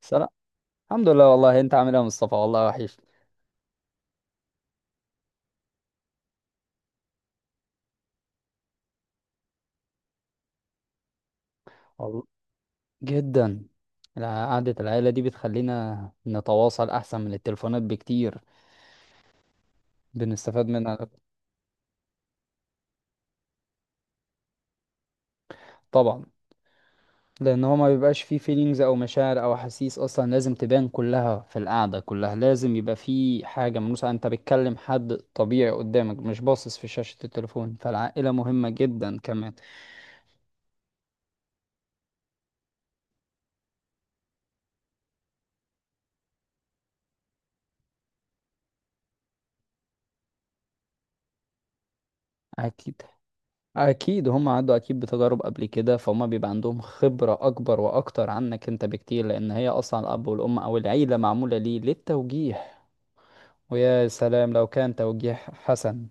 سلام. الحمد لله. والله انت عامل ايه يا مصطفى؟ والله وحش. والله، جدا. قعدة العيلة دي بتخلينا نتواصل احسن من التليفونات بكتير. بنستفاد منها. طبعا، لان هو ما بيبقاش فيه فيلينجز او مشاعر او احاسيس اصلا لازم تبان كلها في القعدة، كلها لازم يبقى فيه حاجة ملموسة. انت بتكلم حد طبيعي قدامك مش باصص في شاشة التليفون، فالعائلة مهمة جدا كمان. اكيد، اكيد هم عدوا اكيد بتجارب قبل كده، فهم بيبقى عندهم خبرة اكبر واكتر عنك انت بكتير، لان هي اصلا الاب والام او العيلة معمولة ليه للتوجيه. ويا سلام لو كان توجيه حسن.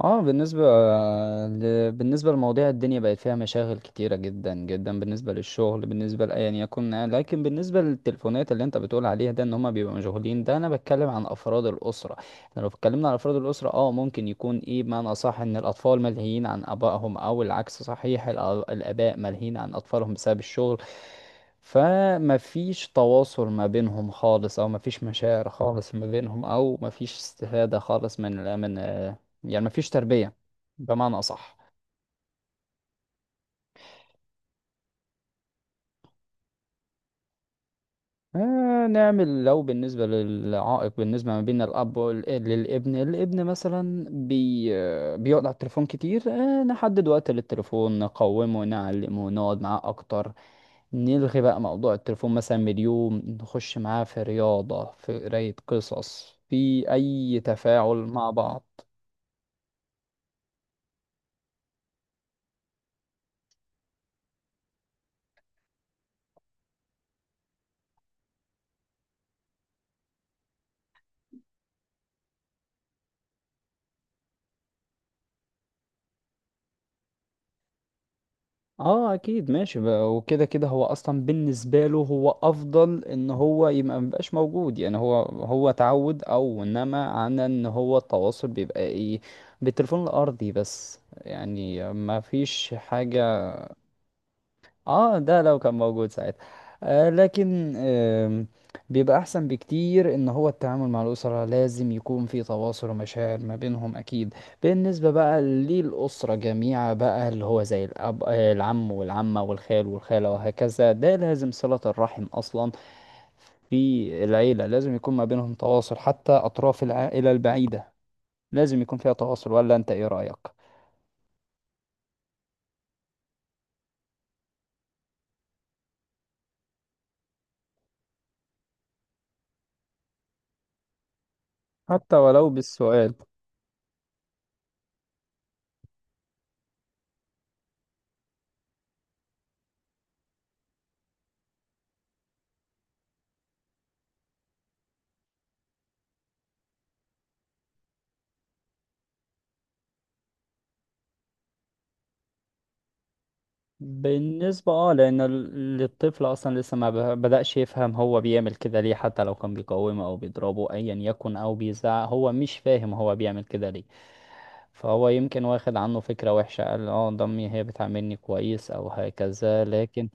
اه، بالنسبة لمواضيع الدنيا بقت فيها مشاغل كتيرة جدا جدا، بالنسبة للشغل بالنسبة لأيا يكن، لكن بالنسبة للتليفونات اللي انت بتقول عليها ده ان هما بيبقوا مشغولين ده، انا بتكلم عن افراد الأسرة. احنا لو اتكلمنا عن افراد الأسرة، اه ممكن يكون ايه بمعنى صح ان الاطفال ملهيين عن ابائهم او العكس صحيح، الاباء ملهيين عن اطفالهم بسبب الشغل. فما فيش تواصل ما بينهم خالص، او ما فيش مشاعر خالص ما بينهم، او ما فيش استفادة خالص من يعني مفيش تربية بمعنى أصح. آه، نعمل لو بالنسبة للعائق بالنسبة ما بين الأب للابن. الابن مثلا بي آه، بيقعد على التليفون كتير، آه نحدد وقت للتليفون، نقومه نعلمه نقعد معاه أكتر. نلغي بقى موضوع التليفون مثلا من اليوم، نخش معاه في رياضة، في قراية قصص، في أي تفاعل مع بعض. اه، اكيد ماشي بقى. وكده كده هو اصلا بالنسبه له هو افضل ان هو يبقى مبقاش موجود، يعني هو اتعود او انما عن ان هو التواصل بيبقى ايه، بالتليفون الارضي بس، يعني ما فيش حاجه. اه، ده لو كان موجود ساعتها. لكن بيبقى احسن بكتير ان هو التعامل مع الاسره لازم يكون في تواصل ومشاعر ما بينهم اكيد. بالنسبه بقى للاسره جميعا بقى، اللي هو زي الاب، العم والعمه والخال والخاله وهكذا، ده لازم صله الرحم اصلا. في العيله لازم يكون ما بينهم تواصل، حتى اطراف العائله البعيده لازم يكون فيها تواصل، ولا انت ايه رايك؟ حتى ولو بالسؤال. بالنسبة، اه، لأن الطفل أصلا لسه ما ب- بدأش يفهم هو بيعمل كده ليه، حتى لو كان بيقومه أو بيضربه أيا يكن أو بيزعق هو مش فاهم هو بيعمل كده ليه. فهو يمكن واخد عنه فكرة وحشة قال اه ضمي هي بتعاملني كويس أو هكذا، لكن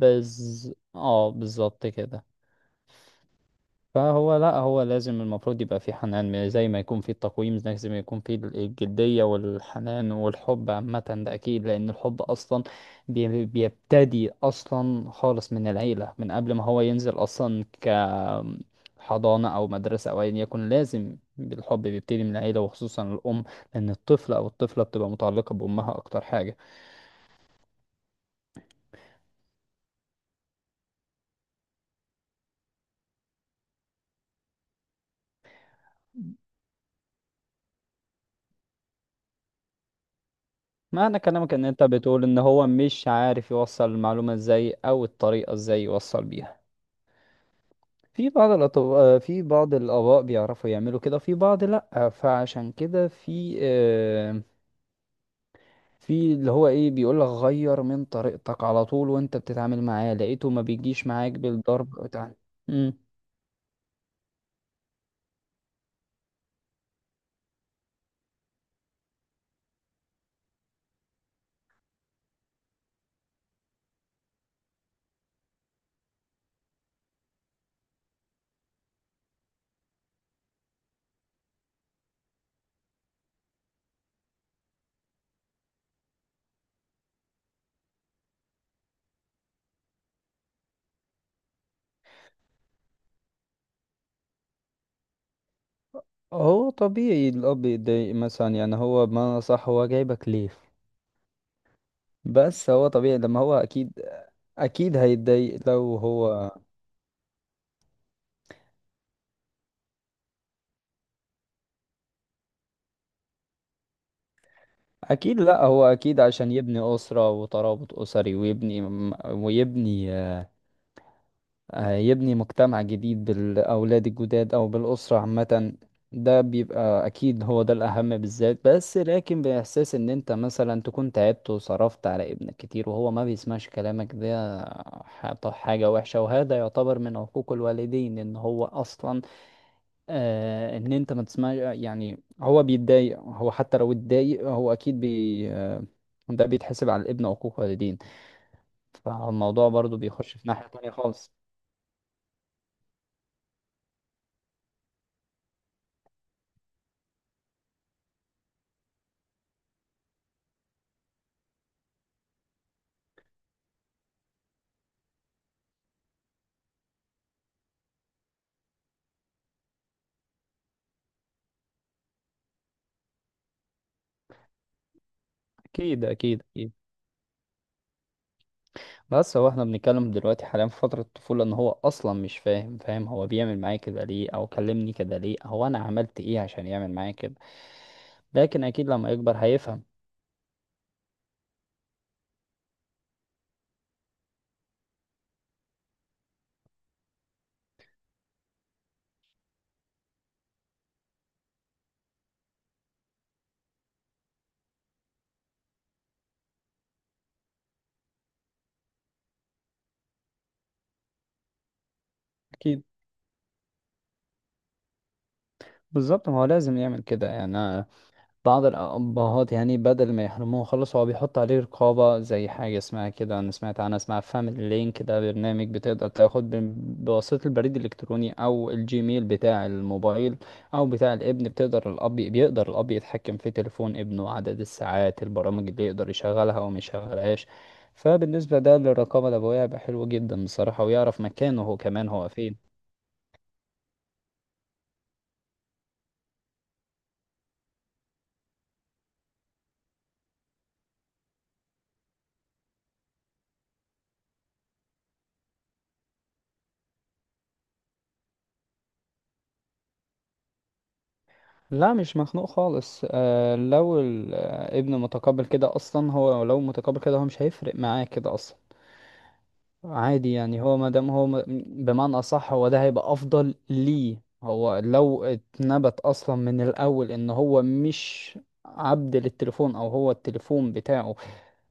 بز اه بالظبط كده. فهو لا هو لازم المفروض يبقى في حنان، زي ما يكون في التقويم لازم يكون في الجدية والحنان والحب عامة، ده أكيد. لأن الحب أصلا بيبتدي أصلا خالص من العيلة، من قبل ما هو ينزل أصلا كحضانة أو مدرسة أو أيا يكن، لازم الحب بيبتدي من العيلة وخصوصا الأم، لأن الطفل أو الطفلة بتبقى متعلقة بأمها أكتر حاجة. معنى كلامك إن أنت بتقول إن هو مش عارف يوصل المعلومة إزاي أو الطريقة إزاي يوصل بيها. في بعض الأطباء، في بعض الآباء بيعرفوا يعملوا كده، في بعض لأ. فعشان كده في في اللي هو إيه بيقولك غير من طريقتك على طول، وأنت بتتعامل معاه لقيته ما بيجيش معاك بالضرب بتاع مم. هو طبيعي الأب يتضايق مثلا، يعني هو بمعنى صح هو جايبك ليه؟ بس هو طبيعي لما هو أكيد، أكيد هيتضايق لو هو. أكيد لأ، هو أكيد عشان يبني أسرة وترابط أسري، ويبني هيبني مجتمع جديد بالأولاد الجداد أو بالأسرة عامة. ده بيبقى أكيد هو ده الأهم بالذات، بس لكن بإحساس إن أنت مثلا تكون تعبت وصرفت على ابنك كتير وهو ما بيسمعش كلامك، ده حاجة وحشة. وهذا يعتبر من حقوق الوالدين إن هو أصلا إن أنت ما تسمعش، يعني هو بيتضايق هو، حتى لو اتضايق هو أكيد بي آه ده بيتحسب على الابن، حقوق والدين. فالموضوع برضو بيخش في ناحية تانية خالص. أكيد، أكيد، أكيد. بس هو احنا بنتكلم دلوقتي حاليا في فترة الطفولة ان هو اصلا مش فاهم، فاهم هو بيعمل معايا كده ليه؟ او كلمني كده ليه؟ هو انا عملت ايه عشان يعمل معايا كده؟ لكن اكيد لما يكبر هيفهم. اكيد بالظبط، ما هو لازم يعمل كده يعني. بعض الأبهات يعني بدل ما يحرموه خالص، هو بيحط عليه رقابة زي حاجة اسمها كده، أنا سمعت عنها اسمها فاميلي لينك، ده برنامج بتقدر تاخد بواسطة البريد الإلكتروني أو الجيميل بتاع الموبايل أو بتاع الابن، بتقدر الأب بيقدر الأب يتحكم في تليفون ابنه، عدد الساعات، البرامج اللي يقدر يشغلها وما يشغلهاش. فبالنسبة ده للرقابة الأبوية هيبقى حلو جدا بصراحة، ويعرف مكانه هو كمان هو فين. لا مش مخنوق خالص. لو الابن متقبل كده اصلا، هو لو متقبل كده هو مش هيفرق معاه كده اصلا. عادي يعني، هو ما دام هو بمعنى اصح هو ده هيبقى افضل ليه. هو لو اتنبت اصلا من الاول ان هو مش عبد للتليفون، او هو التليفون بتاعه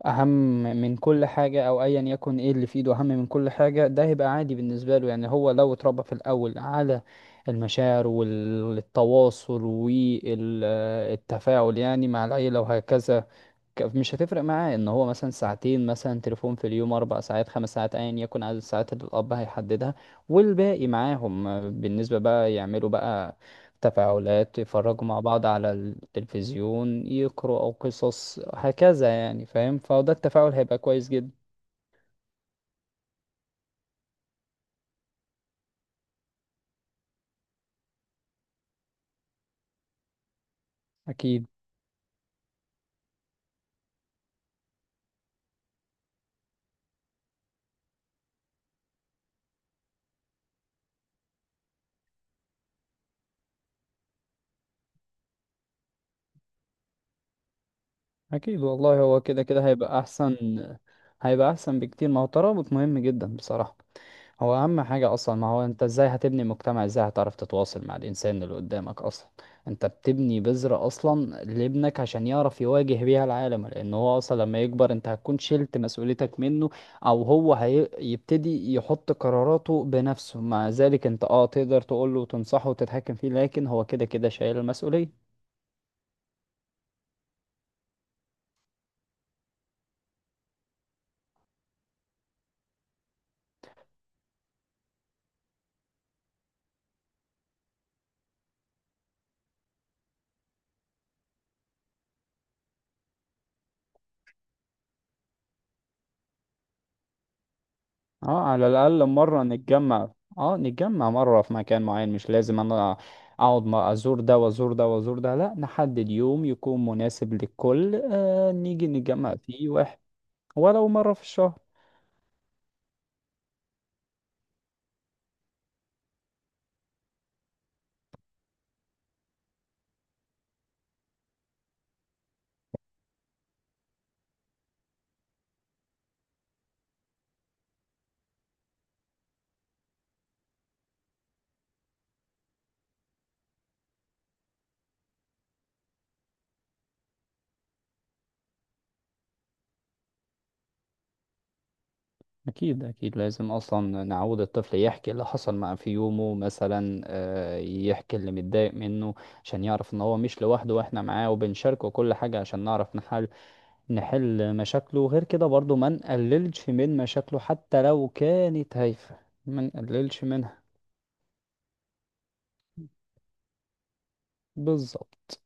اهم من كل حاجة او ايا يكن ايه اللي في ايده اهم من كل حاجة، ده هيبقى عادي بالنسبة له. يعني هو لو اتربى في الاول على المشاعر والتواصل والتفاعل، يعني مع العيلة وهكذا، مش هتفرق معاه ان هو مثلا ساعتين مثلا تليفون في اليوم، 4 ساعات، 5 ساعات، ايا يكن عدد الساعات اللي الاب هيحددها. والباقي معاهم، بالنسبة بقى يعملوا بقى تفاعلات، يتفرجوا مع بعض على التلفزيون، يقروا او قصص هكذا، يعني فاهم، فده التفاعل هيبقى كويس جدا. اكيد، اكيد والله، هو كده كده هيبقى احسن. هيبقى احسن بكتير، ما هو الترابط مهم جدا بصراحة. هو اهم حاجة اصلا، ما هو انت ازاي هتبني مجتمع، ازاي هتعرف تتواصل مع الانسان اللي قدامك اصلا. انت بتبني بذرة اصلا لابنك عشان يعرف يواجه بيها العالم، لان هو اصلا لما يكبر انت هتكون شلت مسؤوليتك منه، او هو هيبتدي يحط قراراته بنفسه. مع ذلك انت تقدر تقوله وتنصحه وتتحكم فيه، لكن هو كده كده شايل المسؤولية. اه، على الاقل مره نتجمع. اه نتجمع مره في مكان معين، مش لازم انا اقعد ما ازور ده وازور ده وازور ده، لا نحدد يوم يكون مناسب للكل، نيجي نتجمع فيه واحد. ولو مره في الشهر. اكيد، اكيد لازم اصلا نعود الطفل يحكي اللي حصل معاه في يومه مثلا، يحكي اللي متضايق منه، عشان يعرف ان هو مش لوحده، واحنا معاه وبنشاركه كل حاجه، عشان نعرف نحل مشاكله. وغير كده برضو ما نقللش من مشاكله حتى لو كانت هايفة، ما نقللش منها. بالظبط.